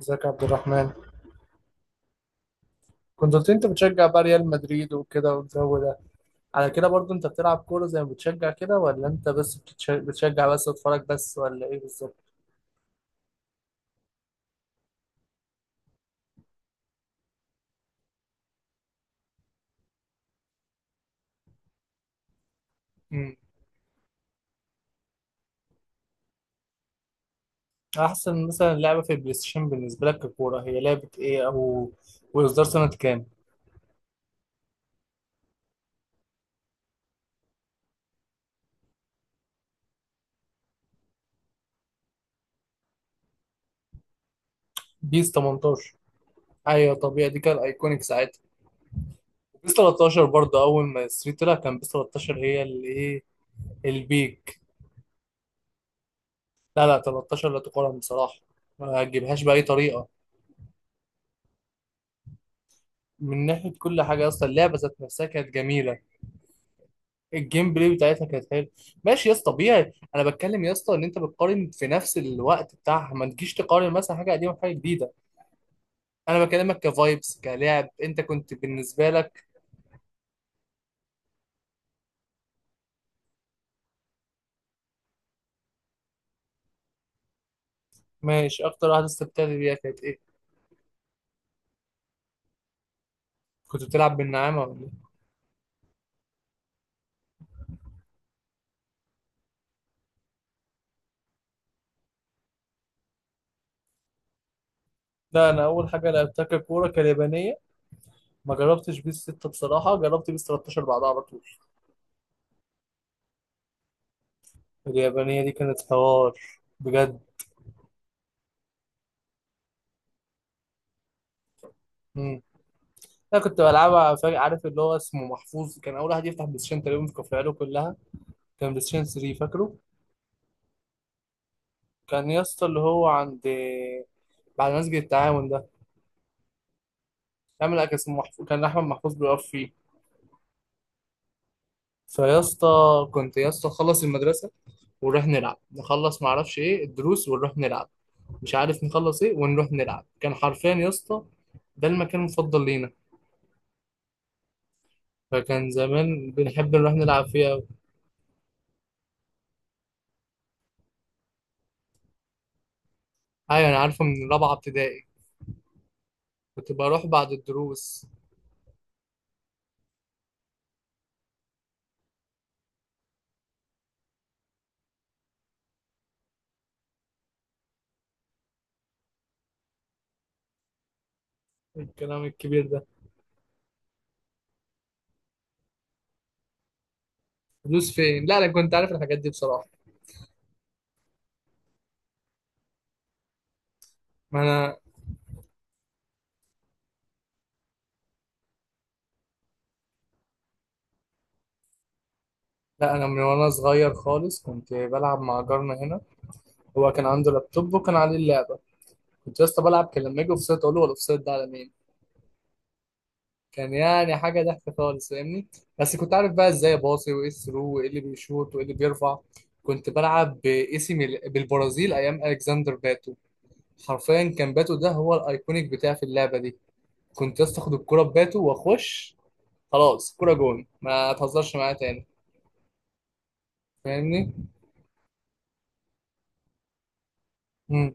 ازيك يا عبد الرحمن؟ كنت قلت انت بتشجع بقى ريال مدريد وكده، والجو ده على كده برضو انت بتلعب كورة زي ما بتشجع كده، ولا انت بس بتشجع بس تتفرج بس، ولا ايه بالظبط؟ امم احسن مثلا لعبة في البلاي ستيشن بالنسبة لك ككورة هي لعبة ايه؟ او واصدار سنة كام؟ بيس 18؟ ايوه طبيعي، دي كان ايكونيك ساعتها. بيس 13 برضو اول ما ستريت طلع كان بيس 13، هي اللي ايه. البيك. لا 13 لا تقارن بصراحة، ما تجيبهاش بأي طريقة. من ناحيه كل حاجه، اصلا اللعبه ذات نفسها كانت جميله. الجيم بلاي بتاعتها كانت حلوه. ماشي يا اسطى، طبيعي. انا بتكلم يا اسطى ان انت بتقارن في نفس الوقت بتاعها، ما تجيش تقارن مثلا حاجه قديمه بحاجه جديده. انا بكلمك كفايبس كلاعب، انت كنت بالنسبه لك. ماشي، اكتر واحده استمتعت بيها كانت ايه؟ كنت بتلعب بالنعامه ولا ايه؟ لا، انا اول حاجه لعبتها ككوره كاليابانيه. ما جربتش بيس 6 بصراحه، جربت بيس 13 بعدها على طول. اليابانيه دي كانت حوار، بجد. انا كنت بلعبها، فاكر عارف اللي هو اسمه محفوظ، كان اول واحد يفتح بلاي ستيشن تقريبا في كفرياله كلها. كان بلاي ستيشن 3 فاكره. كان يا اسطى اللي هو عند بعد مسجد التعاون ده، يعمل اكل اسمه محفوظ، كان احمد محفوظ بيقف فيه. فيا اسطى، كنت يا اسطى نخلص المدرسه ونروح نلعب، نخلص ما اعرفش ايه الدروس ونروح نلعب، مش عارف نخلص ايه ونروح نلعب. كان حرفيا يا اسطى، ده المكان المفضل لينا. فكان زمان بنحب نروح نلعب فيه أوي. ايوه، انا عارفه من رابعه ابتدائي. كنت بروح بعد الدروس. الكلام الكبير ده. فلوس فين؟ لا انا كنت عارف الحاجات دي بصراحه. ما انا لا انا من وانا صغير خالص كنت بلعب مع جارنا هنا. هو كان عنده لابتوب وكان عليه اللعبه. كنت لسه بلعب، كان لما اجي اوفسايد اقول له هو الاوفسايد ده على مين. كان يعني حاجه ضحك خالص، فاهمني. بس كنت عارف بقى ازاي باصي، وايه الثرو، وايه اللي بيشوط، وايه اللي بيرفع. كنت بلعب باسم بالبرازيل ايام الكسندر باتو. حرفيا كان باتو ده هو الايكونيك بتاعي في اللعبه دي. كنت لسه اخد الكوره بباتو واخش، خلاص كرة جون، ما تهزرش معايا تاني. فاهمني. امم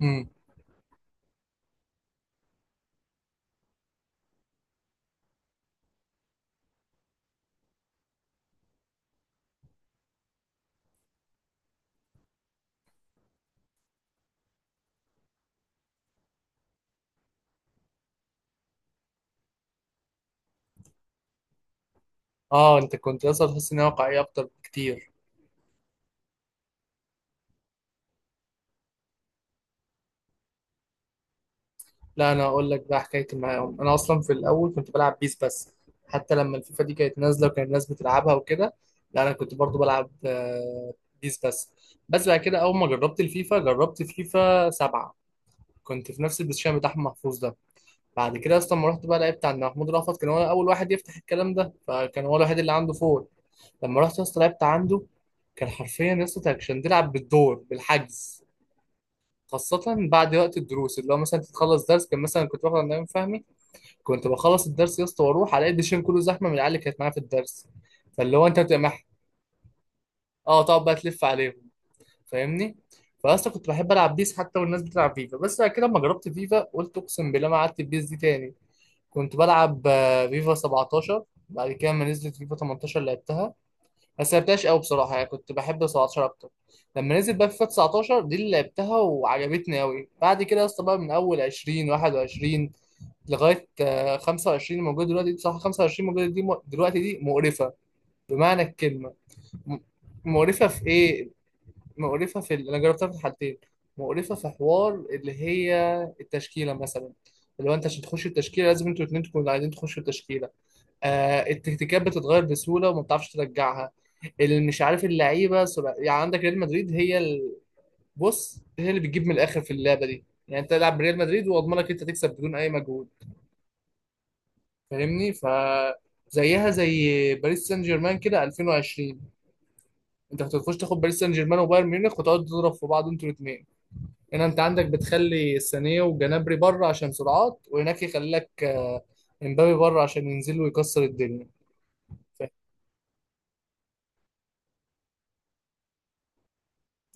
امم اه، انت كنت اصلا تحس انها واقعية اكتر بكتير. لا انا اقول لك بقى حكايتي معاهم، انا اصلا في الاول كنت بلعب بيس بس، حتى لما الفيفا دي كانت نازلة وكان الناس بتلعبها وكده، لا انا كنت برضو بلعب بيس بس. بس بعد كده اول ما جربت الفيفا، جربت فيفا سبعة. كنت في نفس البوزيشن بتاع أحمد محفوظ ده. بعد كده اصلا ما رحت بقى لعبت عند محمود رأفت، كان هو اول واحد يفتح الكلام ده، فكان هو الوحيد اللي عنده فور. لما رحت يا اسطى لعبت عنده، كان حرفيا يا اسطى أنت كنت بتلعب بالدور بالحجز. خاصة بعد وقت الدروس، اللي هو مثلا تتخلص درس، كان مثلا كنت باخد عند نايم فهمي. كنت بخلص الدرس يا اسطى واروح الاقي الدشين كله زحمة من العيال اللي كانت معايا في الدرس. فاللي هو انت بتبقى اه تقعد بقى تلف عليهم، فاهمني. فاصلا كنت بحب العب بيس حتى والناس بتلعب فيفا، بس بعد كده لما جربت فيفا قلت اقسم بالله ما قعدت بيس دي تاني. كنت بلعب فيفا 17، بعد كده لما نزلت فيفا 18 لعبتها. ما لعبتهاش قوي بصراحه، يعني كنت بحب 17 اكتر. لما نزل بقى فيفا 19، دي اللي لعبتها وعجبتني قوي. بعد كده يا اسطى بقى من اول 20، 21، لغايه 25 موجوده دلوقتي دي، بصراحه 25 موجوده دي دلوقتي دي مقرفه بمعنى الكلمه. م- مقرفه في ايه؟ مقرفه في انا جربتها في الحالتين. مقرفه في حوار اللي هي التشكيله مثلا. اللي هو انت عشان تخش التشكيله لازم انتوا الاثنين تكونوا عايزين تخشوا التشكيله. التكتيكات بتتغير بسهوله وما بتعرفش ترجعها. اللي مش عارف اللعيبه يعني عندك ريال مدريد هي بص هي اللي بتجيب من الاخر في اللعبه دي. يعني انت تلعب بريال مدريد واضمنك انت تكسب بدون اي مجهود، فاهمني. زيها زي باريس سان جيرمان كده 2020، انت كنت بتخش تاخد باريس سان جيرمان وبايرن ميونخ وتقعد تضرب في بعض انتوا الاثنين. هنا انت عندك بتخلي سانيه وجنابري بره عشان سرعات، وهناك يخلي لك امبابي بره عشان ينزل ويكسر الدنيا. فاهم؟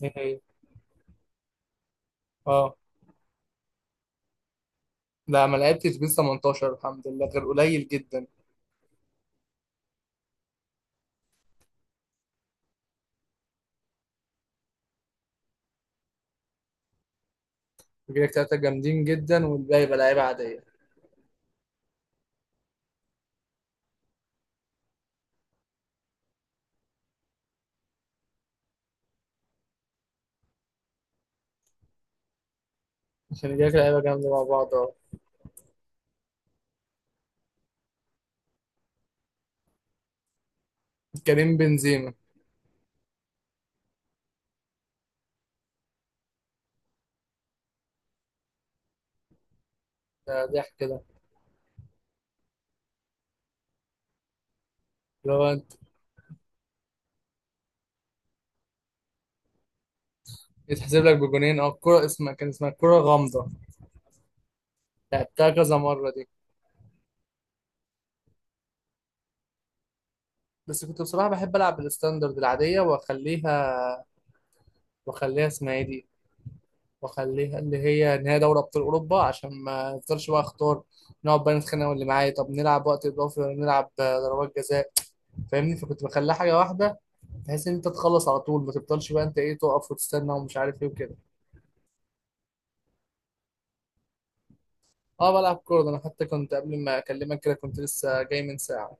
دي هي. اه، لا ما لعبتش بيس 18 الحمد لله، غير قليل جدا. بيجيلك تلاتة جامدين جدا والباقي يبقى لعيبة عادية، عشان يجيلك لعيبة جامدة مع بعض، اه. كريم بنزيما. ده ضحك كده، اللي هو انت يتحسب لك بجونين، اه. الكورة اسمها كان اسمها الكورة غامضة. لعبتها كذا مرة دي. بس كنت بصراحة بحب ألعب الستاندرد العادية وأخليها، وأخليها اسمها ايه دي، وأخليها اللي هي إن هي دوري أبطال أوروبا، عشان ما أفضلش بقى أختار نقعد بقى نتخانق واللي معايا، طب نلعب وقت إضافي ولا نلعب ضربات جزاء. فاهمني، فكنت بخليها حاجة واحدة بحيث ان انت تخلص على طول، ما تفضلش بقى انت ايه تقف وتستنى ومش عارف ايه وكده. اه بلعب كوره، ده انا حتى كنت قبل ما اكلمك كده كنت لسه جاي من ساعه.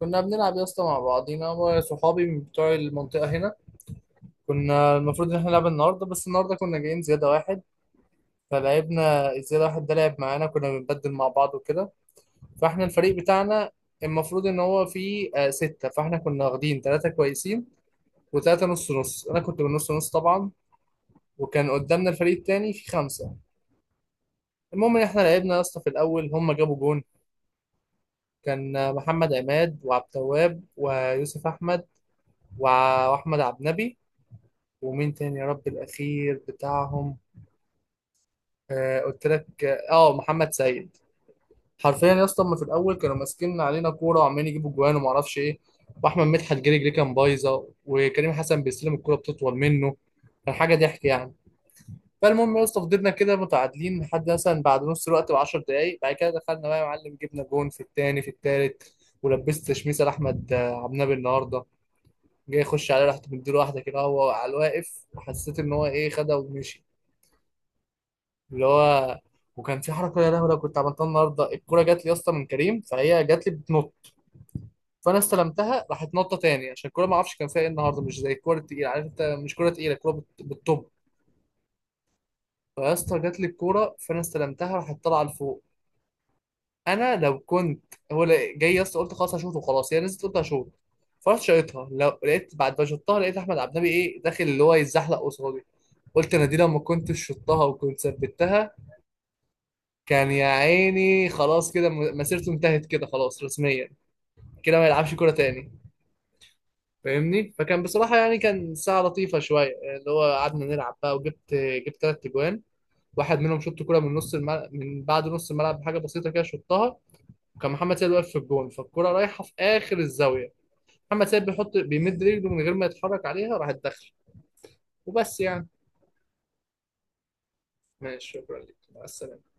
كنا بنلعب يا اسطى مع بعضينا وصحابي من بتوع المنطقه هنا. كنا المفروض ان احنا نلعب النهارده، بس النهارده كنا جايين زياده واحد، فلعبنا الزياده واحد ده لعب معانا كنا بنبدل مع بعض وكده. فاحنا الفريق بتاعنا المفروض ان هو فيه ستة، فاحنا كنا واخدين ثلاثة كويسين وثلاثة نص نص، انا كنت من نص نص طبعا. وكان قدامنا الفريق التاني فيه خمسة. المهم ان احنا لعبنا يا اسطى، في الاول هم جابوا جون. كان محمد عماد وعبد التواب ويوسف احمد واحمد عبد النبي، ومين تاني يا رب الاخير بتاعهم، آه قلت لك، اه محمد سيد. حرفيا يا اسطى هم في الاول كانوا ماسكين علينا كوره وعمالين يجيبوا جوان وما اعرفش ايه، واحمد مدحت جري جري كان بايظه، وكريم حسن بيستلم الكوره بتطول منه. كان حاجه ضحك يعني. فالمهم يا اسطى فضلنا كده متعادلين لحد مثلا بعد نص الوقت ب 10 دقايق، بعد كده دخلنا بقى يا معلم جبنا جون في التاني في التالت. ولبست تشميسه لاحمد عبد النابي النهارده، جاي يخش عليه رحت مديله واحده كده هو على الواقف، وحسيت ان هو ايه خدها ومشي. اللي هو وكان في حركه يا لهوي لو كنت عملتها النهارده، الكوره جات لي يا اسطى من كريم فهي جات لي بتنط، فانا استلمتها راحت نطه تاني، عشان الكوره ما اعرفش كان فيها ايه النهارده مش زي الكوره التقيله، عارف انت مش كوره تقيله، الكوره بالطب. فيا اسطى جات لي الكوره فانا استلمتها راحت طالعه لفوق. انا لو كنت، هو جاي يا اسطى قلت خلاص هشوط، وخلاص هي نزلت قلت هشوط. فرحت شايطها، لو لقيت بعد ما شطها لقيت احمد عبد النبي ايه داخل اللي هو يتزحلق قصادي. قلت انا دي لما كنت شطها وكنت ثبتها، كان يا عيني خلاص كده مسيرته انتهت كده خلاص رسميا، كده ما يلعبش كوره تاني، فاهمني. فكان بصراحه يعني كان ساعه لطيفه شويه، اللي هو قعدنا نلعب بقى وجبت، جبت ثلاث اجوان. واحد منهم شط كوره من نص الملعب، من بعد نص الملعب بحاجه بسيطه كده شطها، وكان محمد سيد واقف في الجون، فالكرة رايحة في آخر الزاوية، محمد سيد بيحط بيمد رجله من غير ما يتحرك عليها راح تدخل، وبس يعني. ماشي، شكرا لك، مع السلامة.